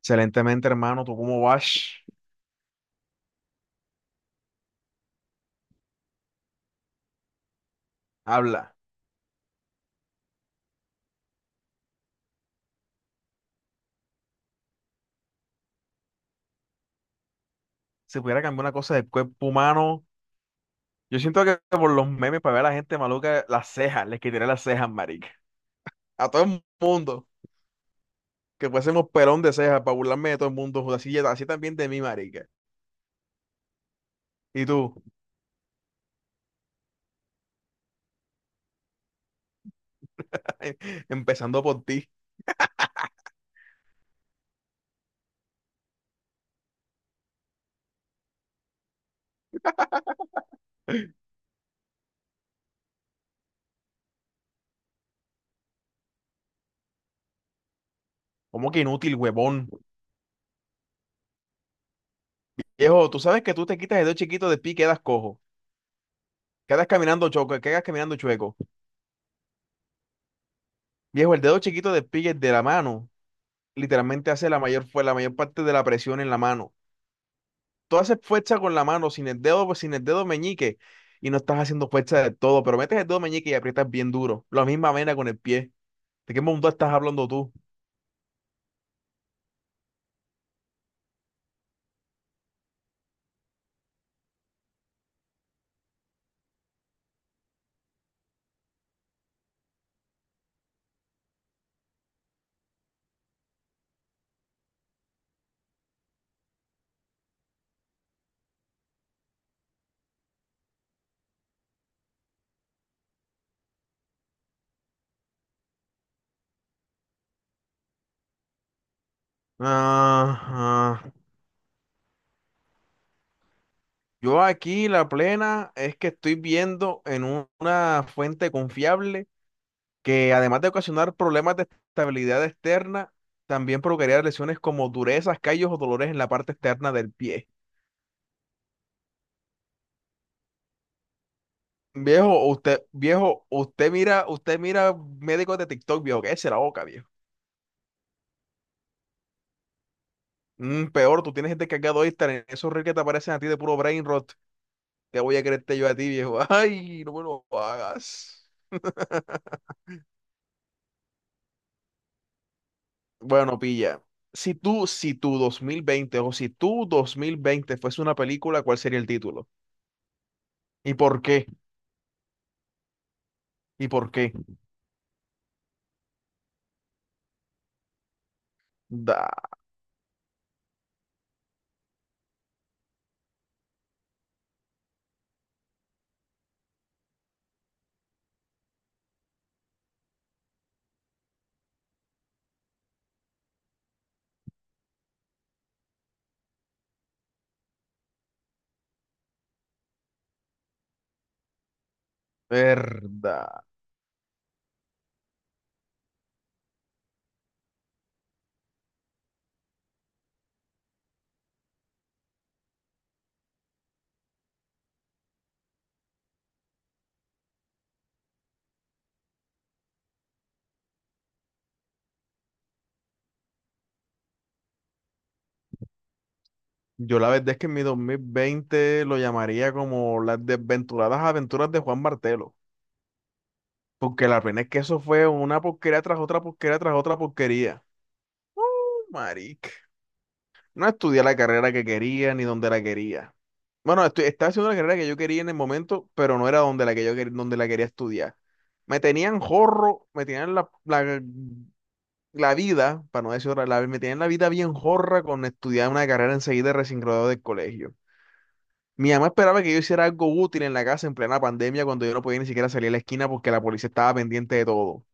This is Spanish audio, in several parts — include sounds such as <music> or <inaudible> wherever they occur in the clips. Excelentemente, hermano. ¿Tú cómo vas? Habla. Si pudiera cambiar una cosa del cuerpo humano, yo siento que por los memes para ver a la gente maluca, las cejas, les quitaría las cejas, marica. A todo el mundo. Que fuésemos pelón de cejas para burlarme de todo el mundo. Joder. Así también de mí, marica. Y tú. <laughs> Empezando por ti. ¿Cómo que inútil, huevón? Viejo, tú sabes que tú te quitas el dedo chiquito de pie y quedas cojo. Quedas caminando choco, quedas caminando chueco. Viejo, el dedo chiquito de pie de la mano literalmente fue la mayor parte de la presión en la mano. Tú haces fuerza con la mano, sin el dedo meñique, y no estás haciendo fuerza de todo, pero metes el dedo meñique y aprietas bien duro. La misma vena con el pie. ¿De qué mundo estás hablando tú? Ah, ah. Yo aquí la plena es que estoy viendo en una fuente confiable que, además de ocasionar problemas de estabilidad externa, también provocaría lesiones como durezas, callos o dolores en la parte externa del pie. Viejo, usted mira médicos de TikTok, viejo, que es la boca, viejo. Mm, peor, tú tienes gente cargado ahí, en esos reels que te aparecen a ti de puro brain rot. ¿Qué voy a creerte yo a ti, viejo? <laughs> Ay, no me lo hagas. Bueno, pilla. Si tú, si tú 2020 o si tú 2020 fuese una película, ¿cuál sería el título? ¿Y por qué? ¿Y por qué? Da, verdad. Yo la verdad es que en mi 2020 lo llamaría como las desventuradas aventuras de Juan Martelo. Porque la pena es que eso fue una porquería tras otra porquería tras otra porquería. Marica. No estudié la carrera que quería ni donde la quería. Bueno, estaba haciendo la carrera que yo quería en el momento, pero no era donde la que yo donde la quería estudiar. Me tenían jorro, me tenían la vida, para no decir otra, la, me tenían la vida bien jorra con estudiar una carrera enseguida recién graduado del colegio. Mi mamá esperaba que yo hiciera algo útil en la casa en plena pandemia cuando yo no podía ni siquiera salir a la esquina porque la policía estaba pendiente de todo.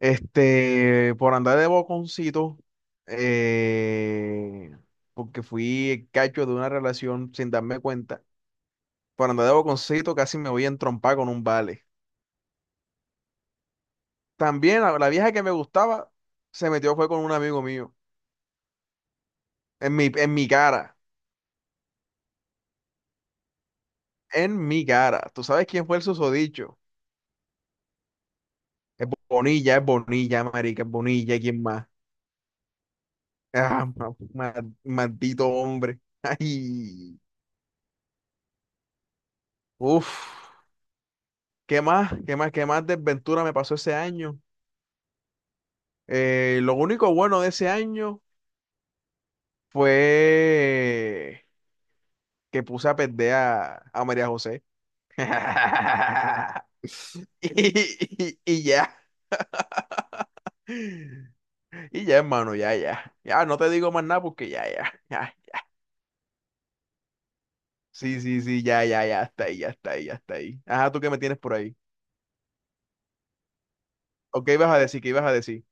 Este, por andar de boconcito, eh, porque fui el cacho de una relación sin darme cuenta, por andar de boconcito casi me voy a entrompar con un vale. También la vieja que me gustaba se metió fue con un amigo mío, en mi cara, en mi cara. ¿Tú sabes quién fue el susodicho? Es Bonilla, marica, es Bonilla, ¿quién más? Ah, maldito hombre. <laughs> Ay, uff. ¿Qué más? ¿Qué más? ¿Qué más desventura me pasó ese año? Lo único bueno de ese año fue que puse a perder a María José. <laughs> Y, y- y ya, y ya, hermano, ya, ya. Ya, no te digo más nada porque ya, ya, ya. Sí, sí, sí, ya, ya, ya, hasta ahí, ya está ahí, ya está ahí. Ajá, ¿tú qué me tienes por ahí? ¿O qué ibas a decir? ¿Qué ibas a decir?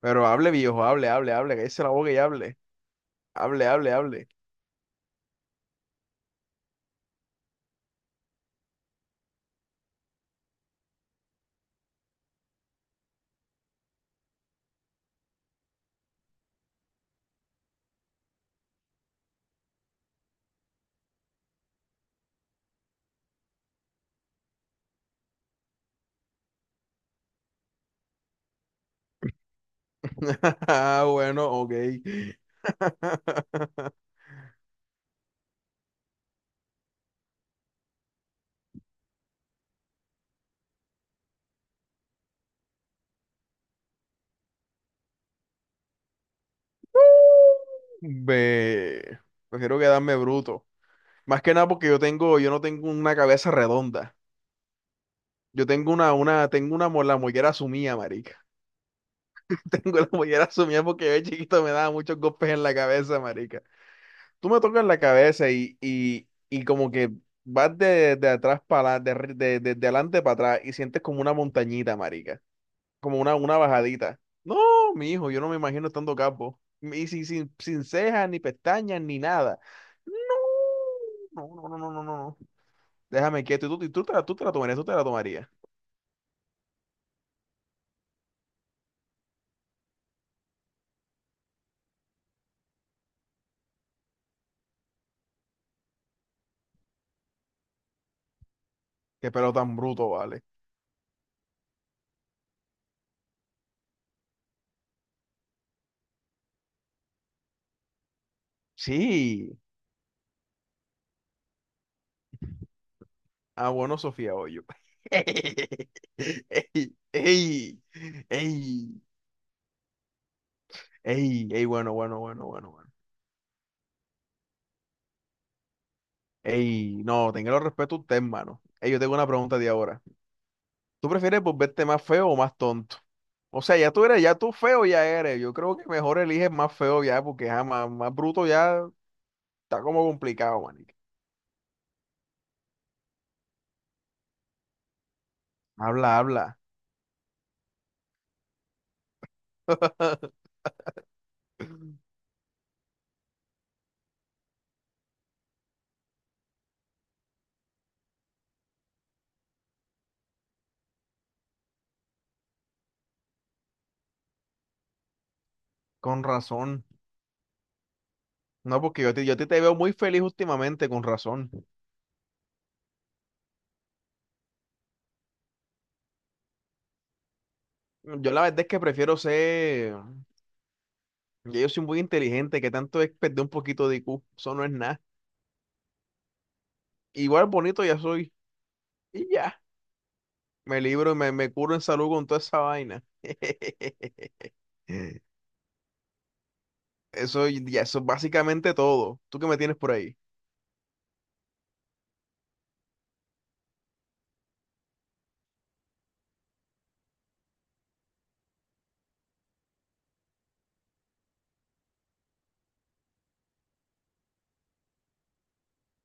Pero hable, viejo, hable, hable, hable, cállese la boca y hable. Hable, hable, hable. <laughs> Ah, bueno, ok. <laughs> Ve, prefiero quedarme bruto. Más que nada porque yo tengo, yo no tengo una cabeza redonda. Yo tengo la mollera sumida, marica. <laughs> Tengo la mollera sumida porque yo de chiquito me daba muchos golpes en la cabeza, marica. Tú me tocas la cabeza y como que vas de atrás para de adelante para atrás y sientes como una montañita, como una bajadita. No, mi hijo, yo no me imagino estando capo. Y sin cejas, ni pestañas, ni nada. No, no, no, no, no, no. No. Déjame quieto. Y tú, y tú te la tomarías, tú te la tomarías. Qué pelo tan bruto, vale. Sí. Ah, bueno, Sofía Hoyo. <laughs> Ey, ey, ey, ey, ey, bueno, bueno, bueno, bueno, bueno. Ey, no, tenga el respeto a usted, hermano. Ey, yo tengo una pregunta de ahora. ¿Tú prefieres volverte más feo o más tonto? O sea, ya tú eres, ya tú feo ya eres. Yo creo que mejor eliges más feo ya, porque ja, más, más bruto ya está como complicado, manico. Habla, habla. <laughs> Con razón. No, porque yo, yo te veo muy feliz últimamente, con razón. Yo la verdad es que prefiero ser. Ya yo soy muy inteligente, que tanto es perder un poquito de IQ. Eso no es nada. Igual bonito ya soy. Y ya. Me libro y me curo en salud con toda esa vaina. <laughs> Eso ya, eso es básicamente todo. ¿Tú qué me tienes por ahí?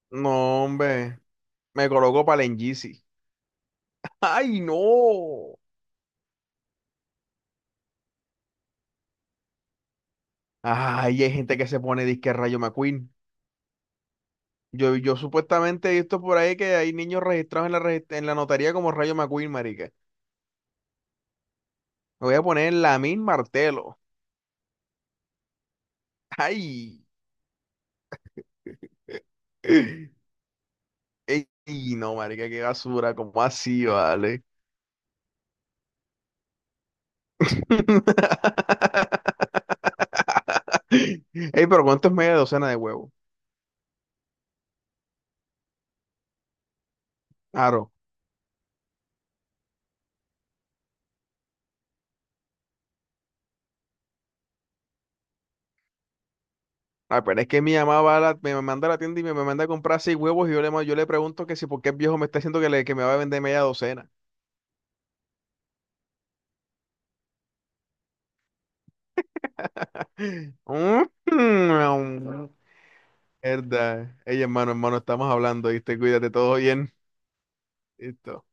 No, hombre. Me coloco para el Yeezy. ¡Ay, no! Ay, hay gente que se pone disque Rayo McQueen. Yo supuestamente he visto por ahí que hay niños registrados en en la notaría como Rayo McQueen, marica. Me voy a poner Lamin Martelo. ¡Ay! <laughs> Ey, no, marica, qué basura. ¿Cómo así, vale? <laughs> Ey, pero ¿cuánto es media docena de huevos? Aro. Ah, pero es que mi mamá va a me manda a la tienda y me manda a comprar seis huevos y yo le, yo le pregunto que si por qué el viejo me está diciendo que, que me va a vender media docena. <gasps> <laughs> Mm, Mierda. Ey, hermano, hermano, estamos hablando, ¿viste? Cuídate, todo bien. Listo.